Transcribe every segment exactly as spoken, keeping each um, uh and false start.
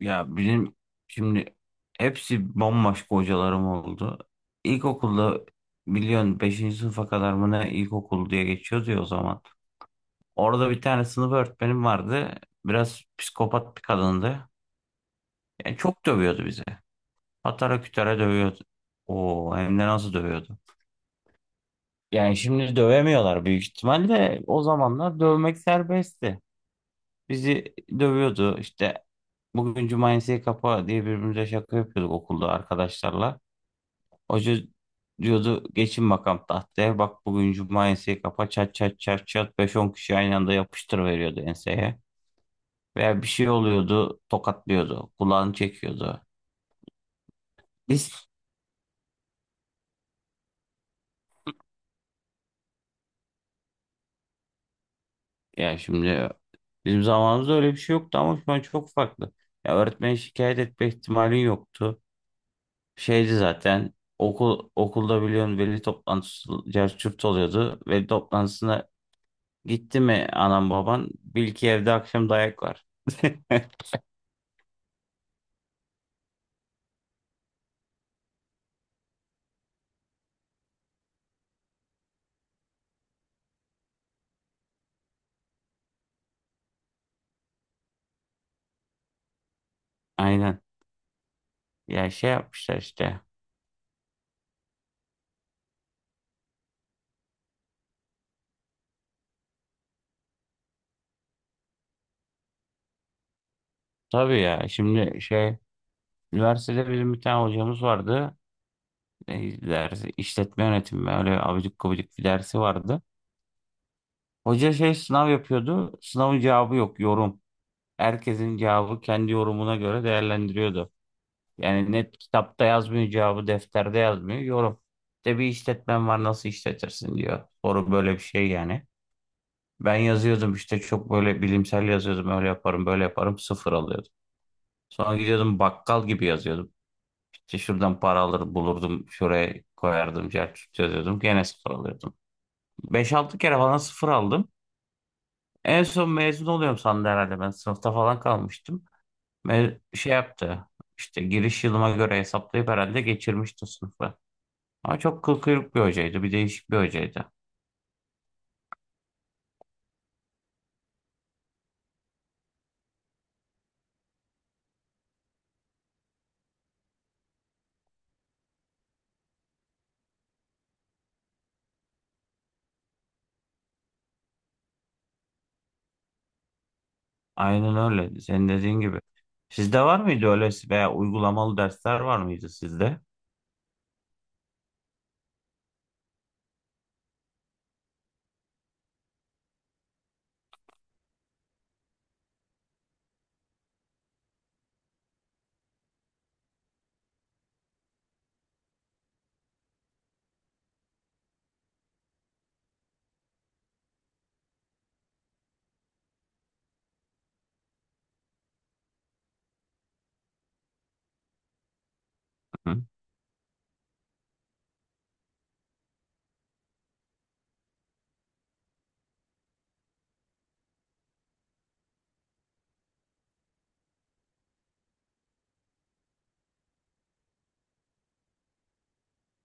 Ya benim şimdi hepsi bambaşka hocalarım oldu. İlkokulda biliyorsun beşinci sınıfa kadar mı ne ilkokul diye geçiyordu ya o zaman. Orada bir tane sınıf öğretmenim vardı. Biraz psikopat bir kadındı. Yani çok dövüyordu bizi. Patara kütara dövüyordu. Oo, hem de nasıl dövüyordu. Yani şimdi dövemiyorlar büyük ihtimalle. O zamanlar dövmek serbestti. Bizi dövüyordu işte. Bugün cumayesiye kapa diye birbirimize şaka yapıyorduk okulda arkadaşlarla. Hoca diyordu geçin bakalım tahtaya. Bak bugün cuma enseyi kapa, çat çat çat çat beş on kişi aynı anda yapıştır veriyordu enseye. Veya bir şey oluyordu, tokatlıyordu, kulağını çekiyordu. Biz ya şimdi bizim zamanımızda öyle bir şey yoktu ama şu an çok farklı. Ya öğretmene şikayet etme ihtimalin yoktu. Şeydi zaten, okul okulda biliyorsun veli toplantısı cerçürt oluyordu. Veli toplantısına gitti mi anam baban bil ki evde akşam dayak var. Aynen. Ya şey yapmışlar işte. Tabii ya şimdi şey üniversitede bizim bir tane hocamız vardı. E, dersi işletme yönetimi, öyle abidik gubidik bir dersi vardı. Hoca şey sınav yapıyordu. Sınavın cevabı yok, yorum. Herkesin cevabı kendi yorumuna göre değerlendiriyordu. Yani net kitapta yazmıyor cevabı, defterde yazmıyor, yorum. İşte bir işletmen var nasıl işletirsin diyor. Soru böyle bir şey yani. Ben yazıyordum işte çok böyle bilimsel yazıyordum, öyle yaparım böyle yaparım, sıfır alıyordum. Sonra gidiyordum bakkal gibi yazıyordum. İşte şuradan para alır bulurdum, şuraya koyardım, cer çözüyordum, gene sıfır alıyordum. Beş altı kere falan sıfır aldım. En son mezun oluyorum sandı herhalde ben. Sınıfta falan kalmıştım. Me- şey yaptı, işte giriş yılıma göre hesaplayıp herhalde geçirmişti sınıfı. Ama çok kıl kıyruk bir hocaydı. Bir değişik bir hocaydı. Aynen öyle, senin dediğin gibi. Sizde var mıydı öyle veya uygulamalı dersler var mıydı sizde? Hı?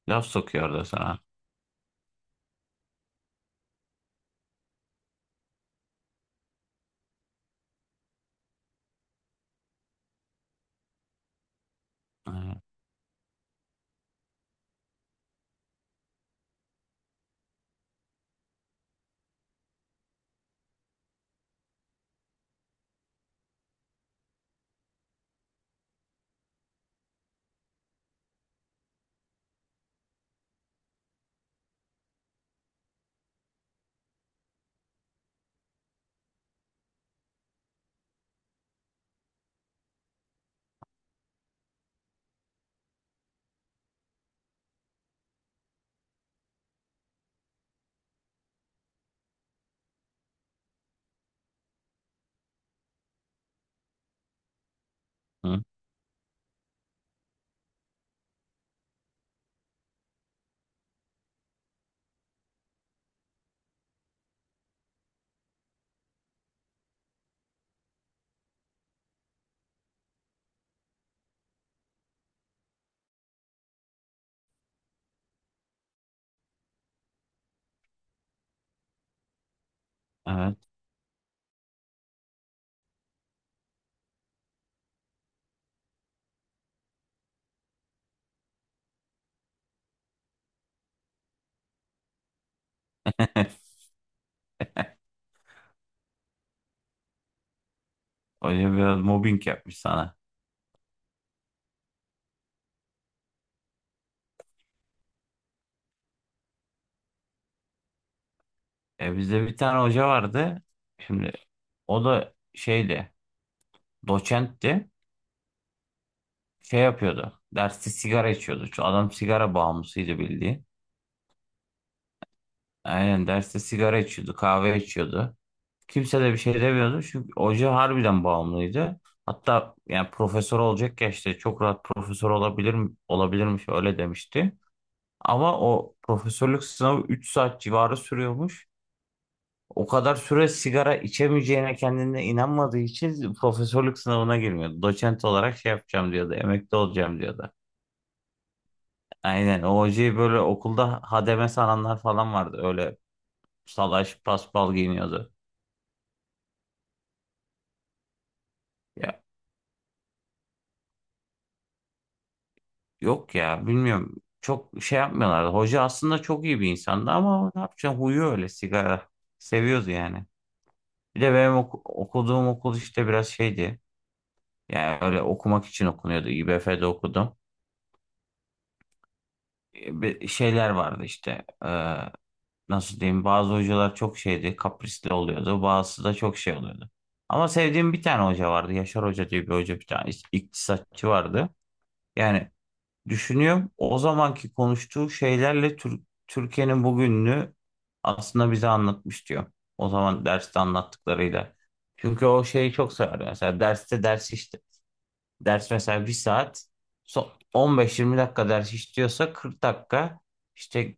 Laf sokuyordu sana. Hı? Hı? Evet. Hoca biraz mobbing yapmış sana. E, bizde bir tane hoca vardı. Şimdi o da şeydi, doçentti. Şey yapıyordu, derste sigara içiyordu. Şu adam sigara bağımlısıydı bildiğin. Aynen derste sigara içiyordu, kahve içiyordu. Kimse de bir şey demiyordu çünkü hoca harbiden bağımlıydı. Hatta yani profesör olacak ya işte, çok rahat profesör olabilir olabilirmiş öyle demişti. Ama o profesörlük sınavı üç saat civarı sürüyormuş. O kadar süre sigara içemeyeceğine kendine inanmadığı için profesörlük sınavına girmiyordu. Doçent olarak şey yapacağım diyordu, emekli olacağım diyordu. Aynen, o hocayı böyle okulda hademe sananlar falan vardı. Öyle salaş paspal giyiniyordu. Ya, yok ya, bilmiyorum. Çok şey yapmıyorlardı. Hoca aslında çok iyi bir insandı ama ne yapacaksın, huyu öyle, sigara. Seviyordu yani. Bir de benim oku- okuduğum okul işte biraz şeydi. Yani öyle okumak için okunuyordu. İ B F'de okudum. E, bir şeyler vardı işte. E, nasıl diyeyim? Bazı hocalar çok şeydi, kaprisli oluyordu. Bazısı da çok şey oluyordu. Ama sevdiğim bir tane hoca vardı. Yaşar Hoca diye bir hoca, bir tane ikt- iktisatçı vardı. Yani düşünüyorum, o zamanki konuştuğu şeylerle Tür- Türkiye'nin bugününü aslında bize anlatmış diyor. O zaman derste anlattıklarıyla. Çünkü o şeyi çok severdi. Mesela derste ders işte. Ders mesela bir saat. so- on beş yirmi dakika ders işliyorsa kırk dakika işte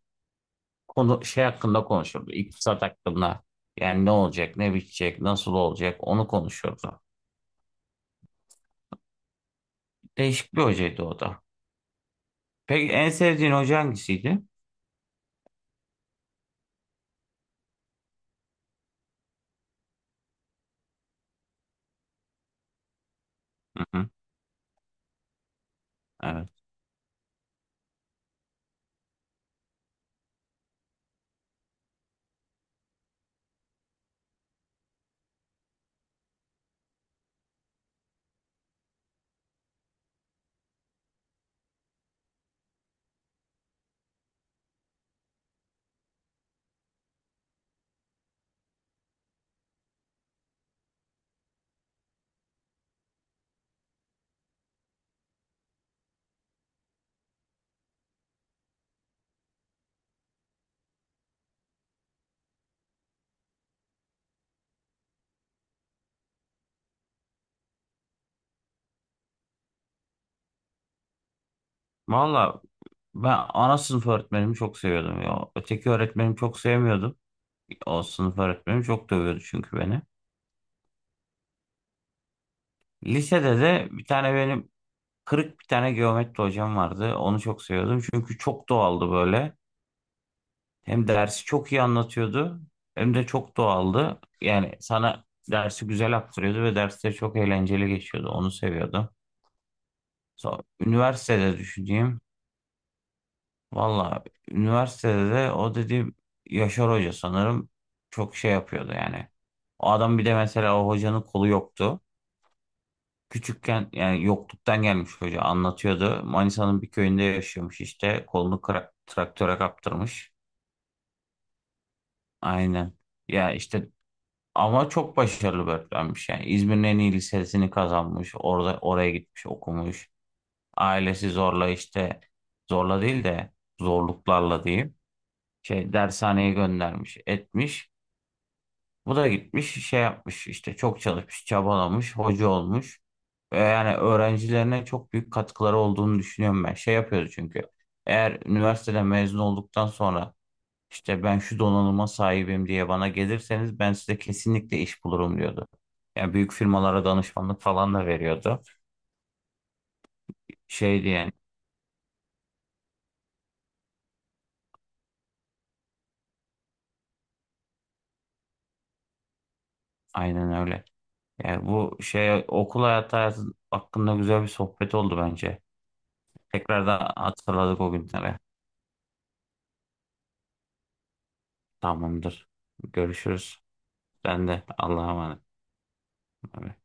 konu şey hakkında konuşurdu. İktisat hakkında. Yani ne olacak, ne bitecek, nasıl olacak onu konuşurdu. Değişik bir hocaydı o da. Peki en sevdiğin hoca hangisiydi? Hı hı, evet. Valla ben ana sınıf öğretmenimi çok seviyordum ya. Öteki öğretmenimi çok sevmiyordum. O sınıf öğretmenim çok dövüyordu çünkü beni. Lisede de bir tane benim kırık bir tane geometri hocam vardı. Onu çok seviyordum çünkü çok doğaldı böyle. Hem dersi çok iyi anlatıyordu hem de çok doğaldı. Yani sana dersi güzel aktarıyordu ve derste çok eğlenceli geçiyordu. Onu seviyordum. So üniversitede düşüneyim. Valla üniversitede de o dediğim Yaşar Hoca sanırım çok şey yapıyordu yani. O adam, bir de mesela o hocanın kolu yoktu. Küçükken yani yokluktan gelmiş, hoca anlatıyordu. Manisa'nın bir köyünde yaşıyormuş, işte kolunu kra- traktöre kaptırmış. Aynen. Ya işte, ama çok başarılı bir öğretmenmiş yani. İzmir'in en iyi lisesini kazanmış. Orada oraya gitmiş, okumuş. Ailesi zorla işte, zorla değil de zorluklarla diyeyim, şey dershaneye göndermiş, etmiş. Bu da gitmiş şey yapmış işte, çok çalışmış, çabalamış, hoca olmuş. Ve yani öğrencilerine çok büyük katkıları olduğunu düşünüyorum ben. Şey yapıyoruz çünkü. Eğer üniversiteden mezun olduktan sonra işte ben şu donanıma sahibim diye bana gelirseniz ben size kesinlikle iş bulurum diyordu. Yani büyük firmalara danışmanlık falan da veriyordu. Şey diyen, aynen öyle. Yani bu şey okul hayatı, hayatı hakkında güzel bir sohbet oldu bence. Tekrardan hatırladık o günleri. Tamamdır. Görüşürüz. Ben de Allah'a emanet. Bay bay.